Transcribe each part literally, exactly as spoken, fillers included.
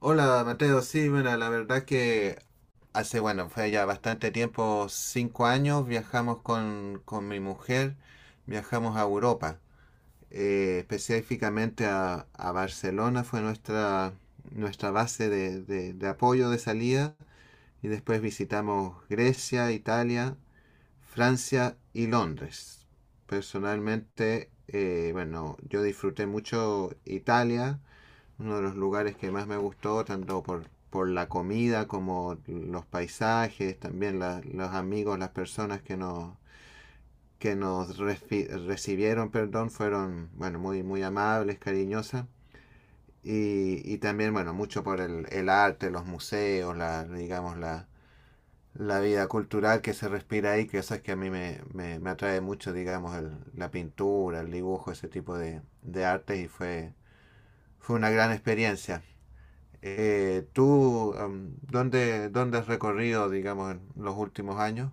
Hola Mateo, sí, bueno, la verdad que hace, bueno, fue ya bastante tiempo, cinco años. Viajamos con, con mi mujer, viajamos a Europa, eh, específicamente a, a Barcelona, fue nuestra, nuestra base de, de- de apoyo de salida, y después visitamos Grecia, Italia, Francia y Londres. Personalmente, eh, bueno, yo disfruté mucho Italia, uno de los lugares que más me gustó, tanto por, por la comida como los paisajes, también la- los amigos, las personas que nos, que nos recibieron, perdón, fueron, bueno, muy, muy amables, cariñosas. Y, y también, bueno, mucho por el, el arte, los museos, la, digamos, la, la vida cultural que se respira ahí, que eso es que a mí me, me, me atrae mucho, digamos, el- la pintura, el dibujo, ese tipo de, de artes, y fue, fue una gran experiencia. Eh, ¿tú um, dónde, dónde has recorrido, digamos, en los últimos años?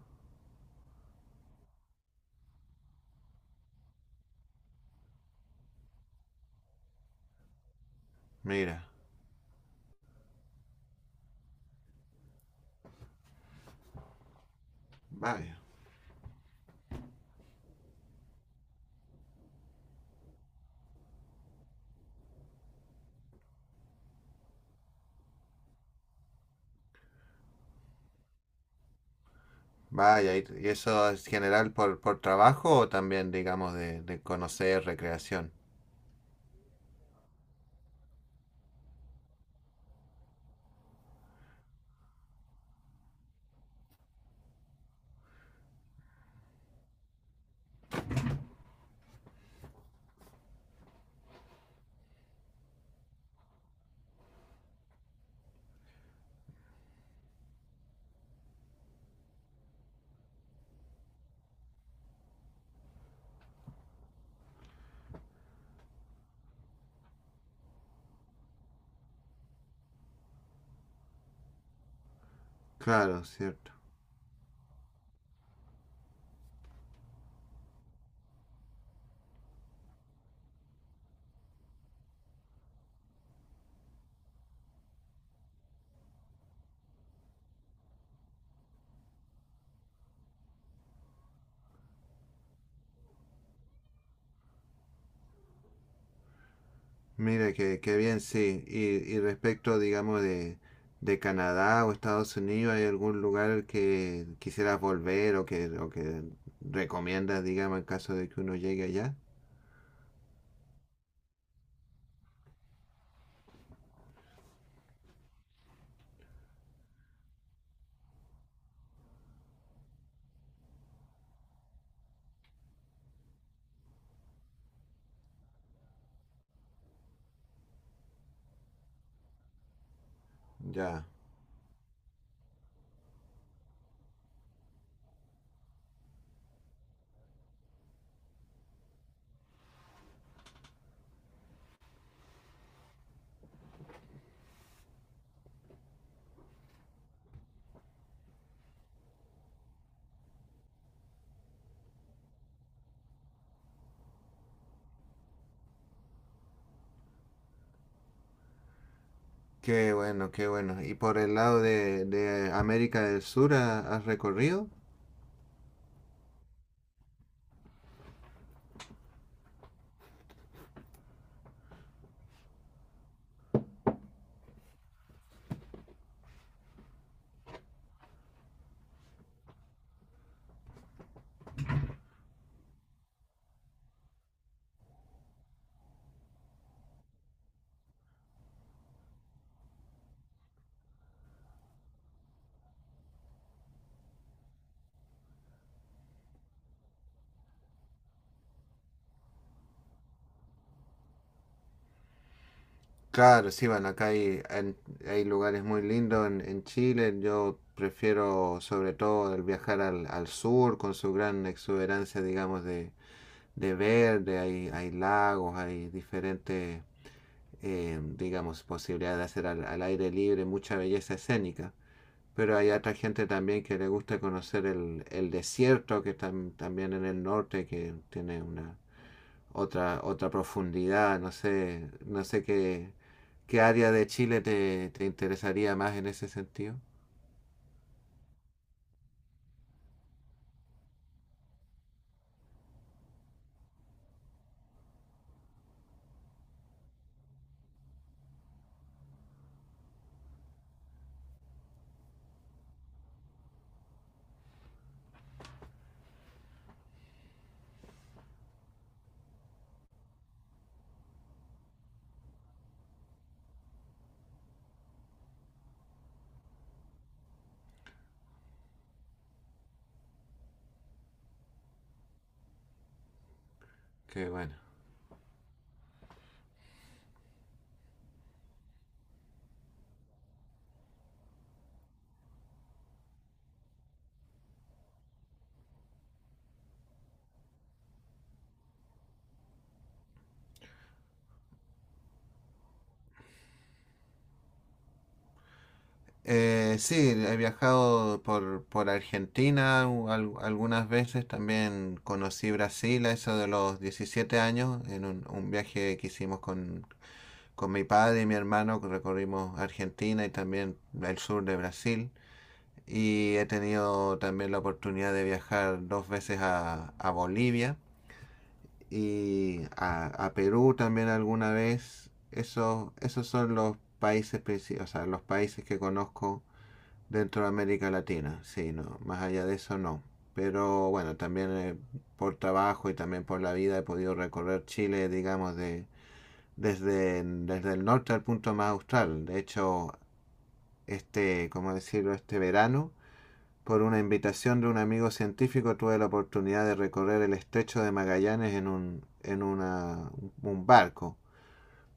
Mira. Vaya, vaya. ¿Y y eso es general por, por trabajo o también, digamos, de, de conocer, recreación? Claro, cierto. Mira, que, que bien, sí. Y, y respecto, digamos, de, de Canadá o Estados Unidos, ¿hay algún lugar al que quisieras volver o que, o que recomiendas, digamos, en caso de que uno llegue allá? Ya. Qué bueno, qué bueno. ¿Y por el lado de, de América del Sur ha- has recorrido? Claro, sí, bueno, acá hay, en- hay lugares muy lindos en, en Chile. Yo prefiero sobre todo el viajar al, al sur con su gran exuberancia, digamos, de, de verde. Hay, hay lagos, hay diferentes, eh, digamos, posibilidades de hacer al, al aire libre, mucha belleza escénica. Pero hay otra gente también que le gusta conocer el, el desierto, que está también en el norte, que tiene una otra, otra profundidad, no sé, no sé qué, qué área de Chile te, te interesaría más en ese sentido. Que bueno. Eh, sí, he viajado por, por Argentina, u- al- algunas veces, también conocí Brasil a eso de los diecisiete años en un, un viaje que hicimos con, Con mi padre y mi hermano. Recorrimos Argentina y también el sur de Brasil. Y he tenido también la oportunidad de viajar dos veces a, a Bolivia y a, a Perú también alguna vez. Esos, esos son los países, princip- o sea, los países que conozco dentro de América Latina. Sí, no, más allá de eso no. Pero bueno, también eh, por trabajo y también por la vida he podido recorrer Chile, digamos, de, desde, desde el norte al punto más austral. De hecho, este, como decirlo, este verano, por una invitación de un amigo científico, tuve la oportunidad de recorrer el estrecho de Magallanes en un, en una, un barco.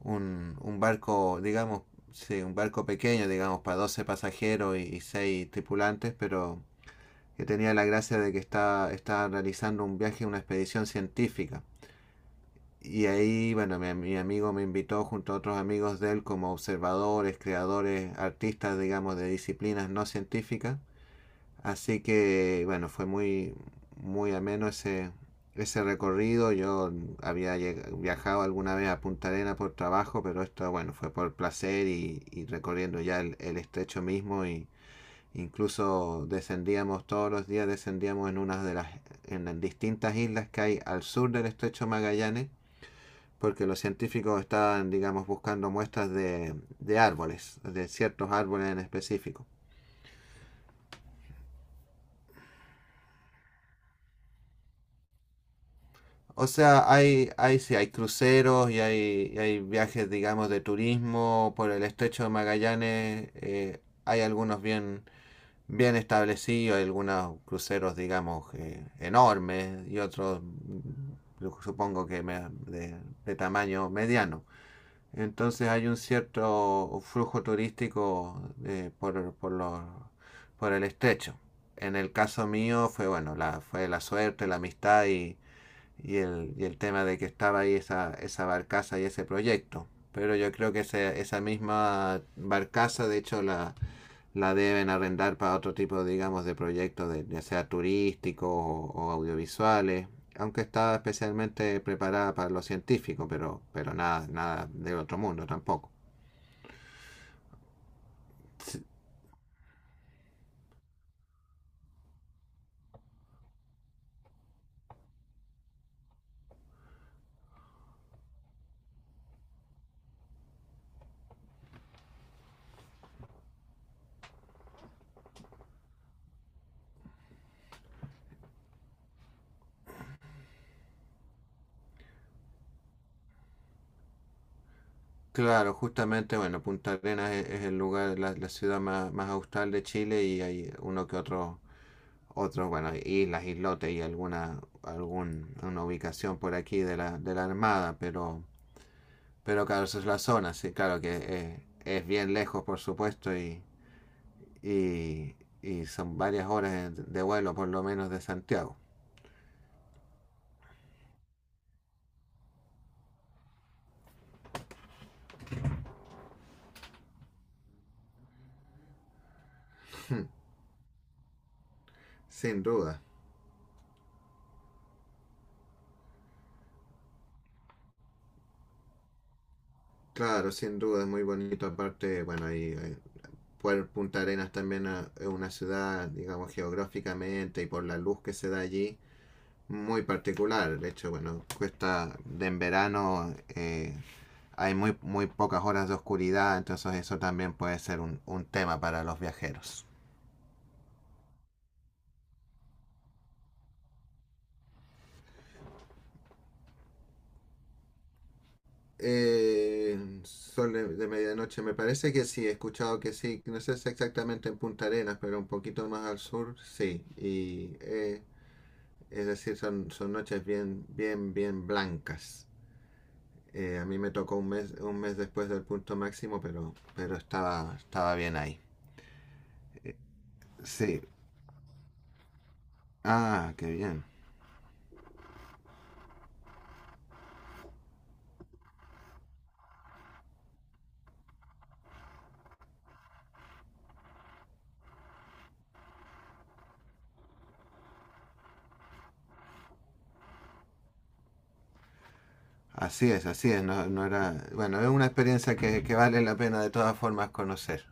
Un, un barco, digamos, sí, un barco pequeño, digamos, para doce pasajeros y, y 6 tripulantes, pero que tenía la gracia de que estaba, estaba realizando un viaje, una expedición científica. Y ahí, bueno, mi, mi amigo me invitó junto a otros amigos de él como observadores, creadores, artistas, digamos, de disciplinas no científicas. Así que, bueno, fue muy, muy ameno ese, ese recorrido. Yo había viajado alguna vez a Punta Arenas por trabajo, pero esto, bueno, fue por placer y, y recorriendo ya el, el estrecho mismo, y incluso descendíamos todos los días, descendíamos en unas de las en distintas islas que hay al sur del estrecho Magallanes, porque los científicos están, digamos, buscando muestras de, de árboles, de ciertos árboles en específico. O sea, hay, hay, sí, hay cruceros y hay, y hay viajes, digamos, de turismo por el estrecho de Magallanes. eh, hay algunos bien, bien establecidos, hay algunos cruceros, digamos, eh, enormes y otros, mm, supongo que me- de, de tamaño mediano. Entonces hay un cierto flujo turístico eh, por, por, los, por el estrecho. En el caso mío fue bueno, la, fue la suerte, la amistad y, y, el, y el tema de que estaba ahí esa, esa barcaza y ese proyecto. Pero yo creo que ese, esa misma barcaza, de hecho, la, la deben arrendar para otro tipo, digamos, de proyectos, de, ya sea turísticos o, o audiovisuales, aunque está especialmente preparada para lo científico, pero, pero nada, nada del otro mundo tampoco. Claro, justamente, bueno, Punta Arenas es, es el lugar, la, la ciudad más, más austral de Chile, y hay uno que otro, otros, bueno, islas, islotes y alguna, algún, una ubicación por aquí de la, de la Armada, pero, pero claro, esa es la zona, sí, claro que es, es bien lejos, por supuesto, y, y, y son varias horas de, vuelo por lo menos de Santiago. Sin duda, claro, sin duda es muy bonito. Aparte, bueno, ahí, ahí, por Punta Arenas también, ah, es una ciudad, digamos, geográficamente y por la luz que se da allí, muy particular. De hecho, bueno, cuesta de en verano, eh, hay muy, muy pocas horas de oscuridad, entonces eso también puede ser un, un tema para los viajeros. Eh, sol de, de medianoche, me parece que sí, he escuchado que sí, no sé si exactamente en Punta Arenas, pero un poquito más al sur, sí. Y eh, es decir, son, son noches bien, bien, bien blancas. Eh, a mí me tocó un mes, un mes después del punto máximo, pero, pero estaba, estaba bien ahí. Sí. Ah, qué bien. Así es, así es. No, no era. Bueno, es una experiencia que, que vale la pena de todas formas conocer.